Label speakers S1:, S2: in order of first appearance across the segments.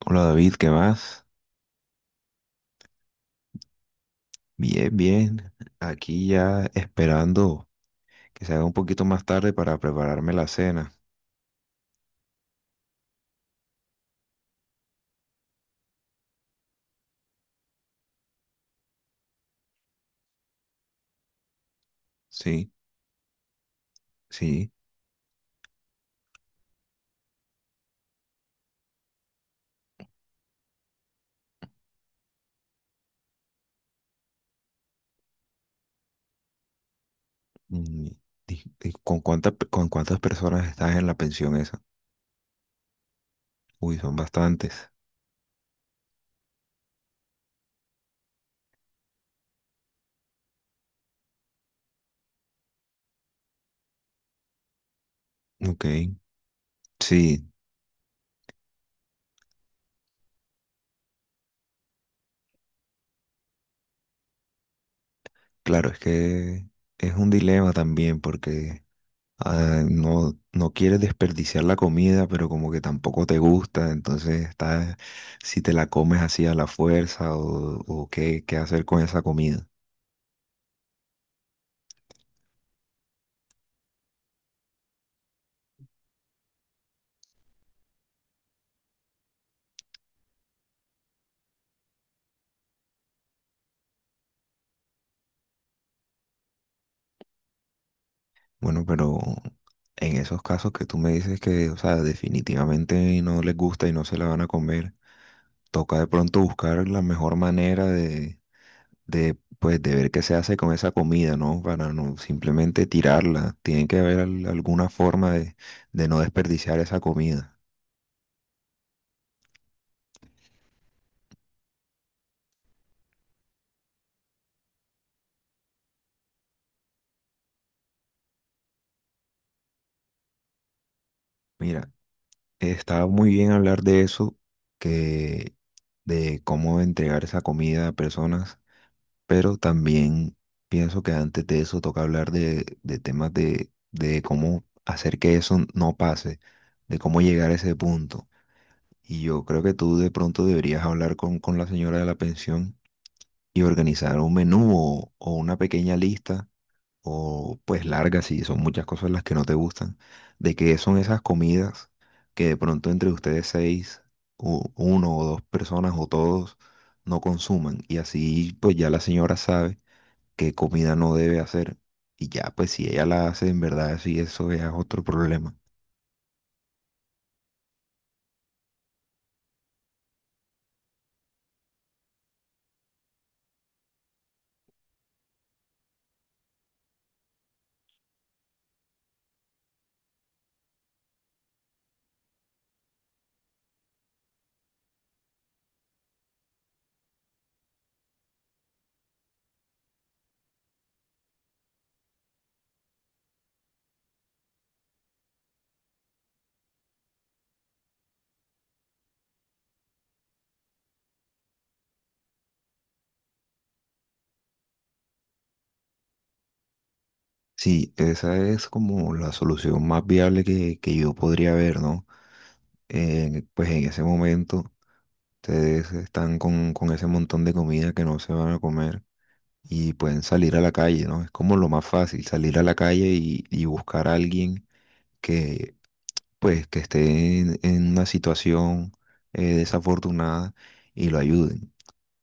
S1: Hola David, ¿qué más? Bien, bien. Aquí ya esperando que se haga un poquito más tarde para prepararme la cena. Sí, sí. Mm, ¿Con cuántas, con cuántas personas estás en la pensión esa? Uy, son bastantes. Ok. Sí, claro, es que es un dilema también porque no, no quieres desperdiciar la comida, pero como que tampoco te gusta, entonces está si te la comes así a la fuerza o qué, qué hacer con esa comida. Bueno, pero en esos casos que tú me dices que, o sea, definitivamente no les gusta y no se la van a comer, toca de pronto buscar la mejor manera de, pues, de ver qué se hace con esa comida, ¿no? Para no simplemente tirarla. Tiene que haber alguna forma de no desperdiciar esa comida. Mira, está muy bien hablar de eso, que de cómo entregar esa comida a personas, pero también pienso que antes de eso toca hablar de temas de cómo hacer que eso no pase, de cómo llegar a ese punto. Y yo creo que tú de pronto deberías hablar con la señora de la pensión y organizar un menú o una pequeña lista, o pues larga si son muchas cosas las que no te gustan, de qué son esas comidas que de pronto entre ustedes seis, uno o dos personas o todos no consuman. Y así pues ya la señora sabe qué comida no debe hacer. Y ya, pues si ella la hace, en verdad, sí, eso ya es otro problema. Sí, esa es como la solución más viable que yo podría ver, ¿no? Pues en ese momento ustedes están con ese montón de comida que no se van a comer y pueden salir a la calle, ¿no? Es como lo más fácil, salir a la calle y buscar a alguien que, pues, que esté en una situación desafortunada, y lo ayuden.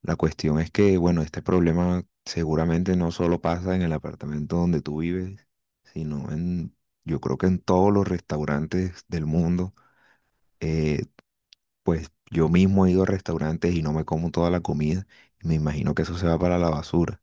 S1: La cuestión es que, bueno, este problema seguramente no solo pasa en el apartamento donde tú vives, sino en, yo creo que en todos los restaurantes del mundo. Eh, pues yo mismo he ido a restaurantes y no me como toda la comida y me imagino que eso se va para la basura.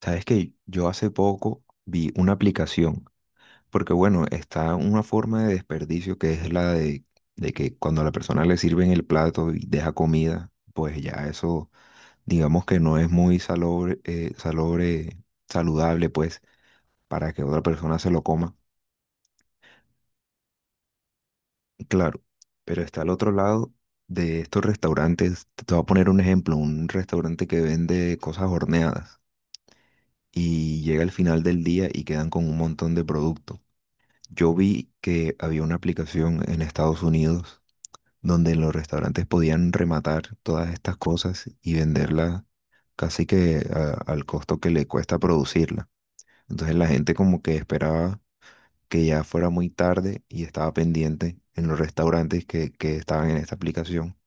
S1: Sabes que yo hace poco vi una aplicación, porque bueno, está una forma de desperdicio que es la de que cuando a la persona le sirven el plato y deja comida, pues ya eso digamos que no es muy salobre, salobre, saludable, pues, para que otra persona se lo coma. Claro, pero está al otro lado de estos restaurantes. Te voy a poner un ejemplo, un restaurante que vende cosas horneadas y llega al final del día y quedan con un montón de producto. Yo vi que había una aplicación en Estados Unidos donde los restaurantes podían rematar todas estas cosas y venderlas casi que al costo que le cuesta producirla. Entonces la gente como que esperaba que ya fuera muy tarde y estaba pendiente en los restaurantes que estaban en esta aplicación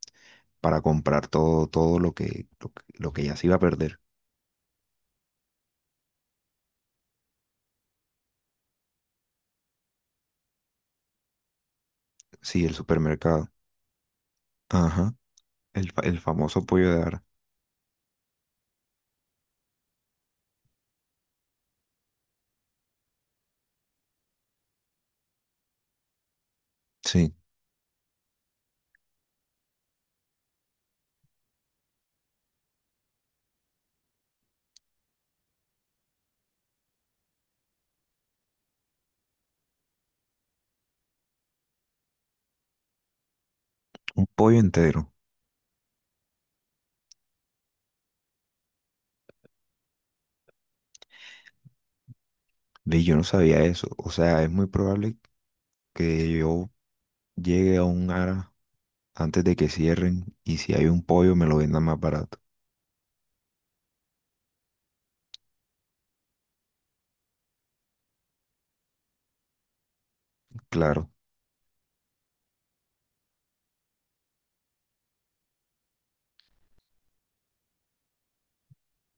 S1: para comprar todo, todo lo que, lo que, lo que ya se iba a perder. Sí, el supermercado. Ajá, el, el famoso pollo de Ara. Sí, un pollo entero. Ve, yo no sabía eso. O sea, es muy probable que yo llegue a un Ara antes de que cierren y si hay un pollo me lo vendan más barato. Claro.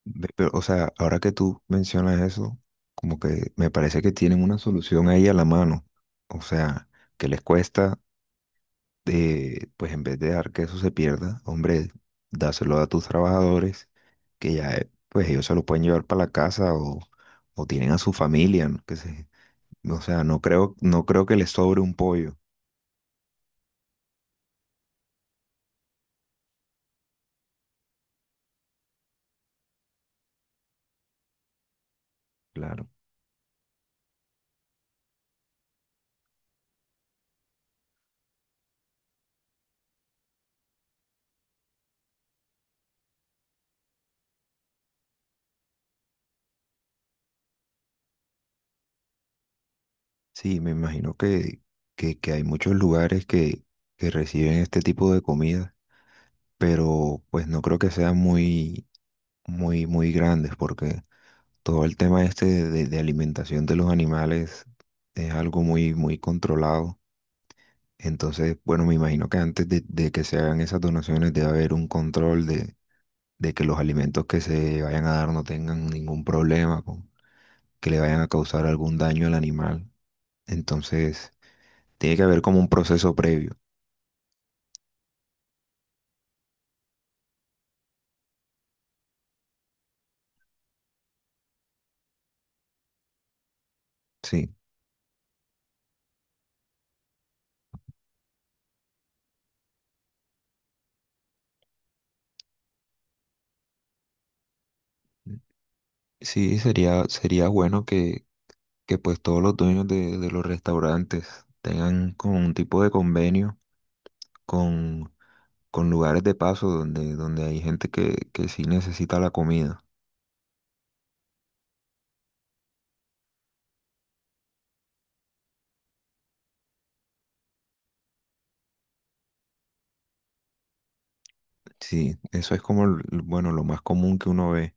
S1: Ve, pero, o sea, ahora que tú mencionas eso, como que me parece que tienen una solución ahí a la mano. O sea, que les cuesta, pues en vez de dejar que eso se pierda, hombre, dáselo a tus trabajadores, que ya, pues ellos se lo pueden llevar para la casa o tienen a su familia, ¿no? Que se, o sea, no creo, no creo que les sobre un pollo, claro. Sí, me imagino que hay muchos lugares que reciben este tipo de comida, pero pues no creo que sean muy, muy, muy grandes porque todo el tema este de alimentación de los animales es algo muy, muy controlado. Entonces, bueno, me imagino que antes de que se hagan esas donaciones debe haber un control de que los alimentos que se vayan a dar no tengan ningún problema, que le vayan a causar algún daño al animal. Entonces, tiene que haber como un proceso previo. Sí, sí, sería, sería bueno que pues todos los dueños de los restaurantes tengan como un tipo de convenio con, con lugares de paso donde, donde hay gente que sí necesita la comida. Sí, eso es como, bueno, lo más común que uno ve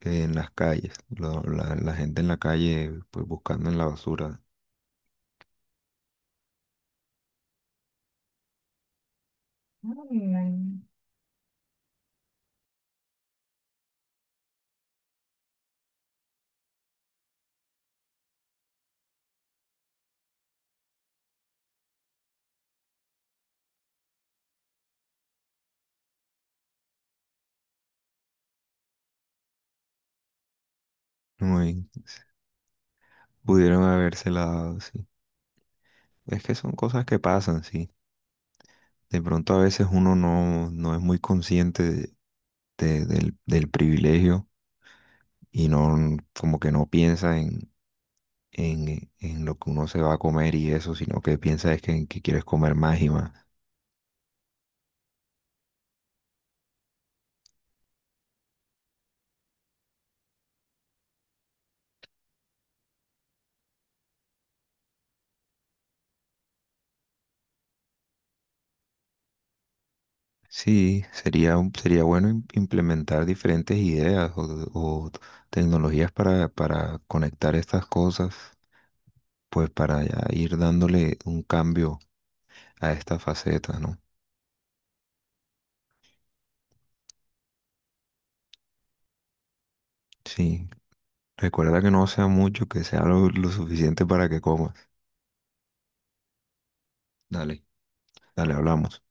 S1: en las calles, la, la gente en la calle pues buscando en la basura. No, y pudieron habérsela dado, sí. Es que son cosas que pasan, sí. De pronto a veces uno no, no es muy consciente del, del privilegio y no, como que no piensa en lo que uno se va a comer y eso, sino que piensa es que, en que quieres comer más y más. Sí, sería, sería bueno implementar diferentes ideas o tecnologías para conectar estas cosas, pues para ya ir dándole un cambio a esta faceta, ¿no? Sí, recuerda que no sea mucho, que sea lo suficiente para que comas. Dale, dale, hablamos.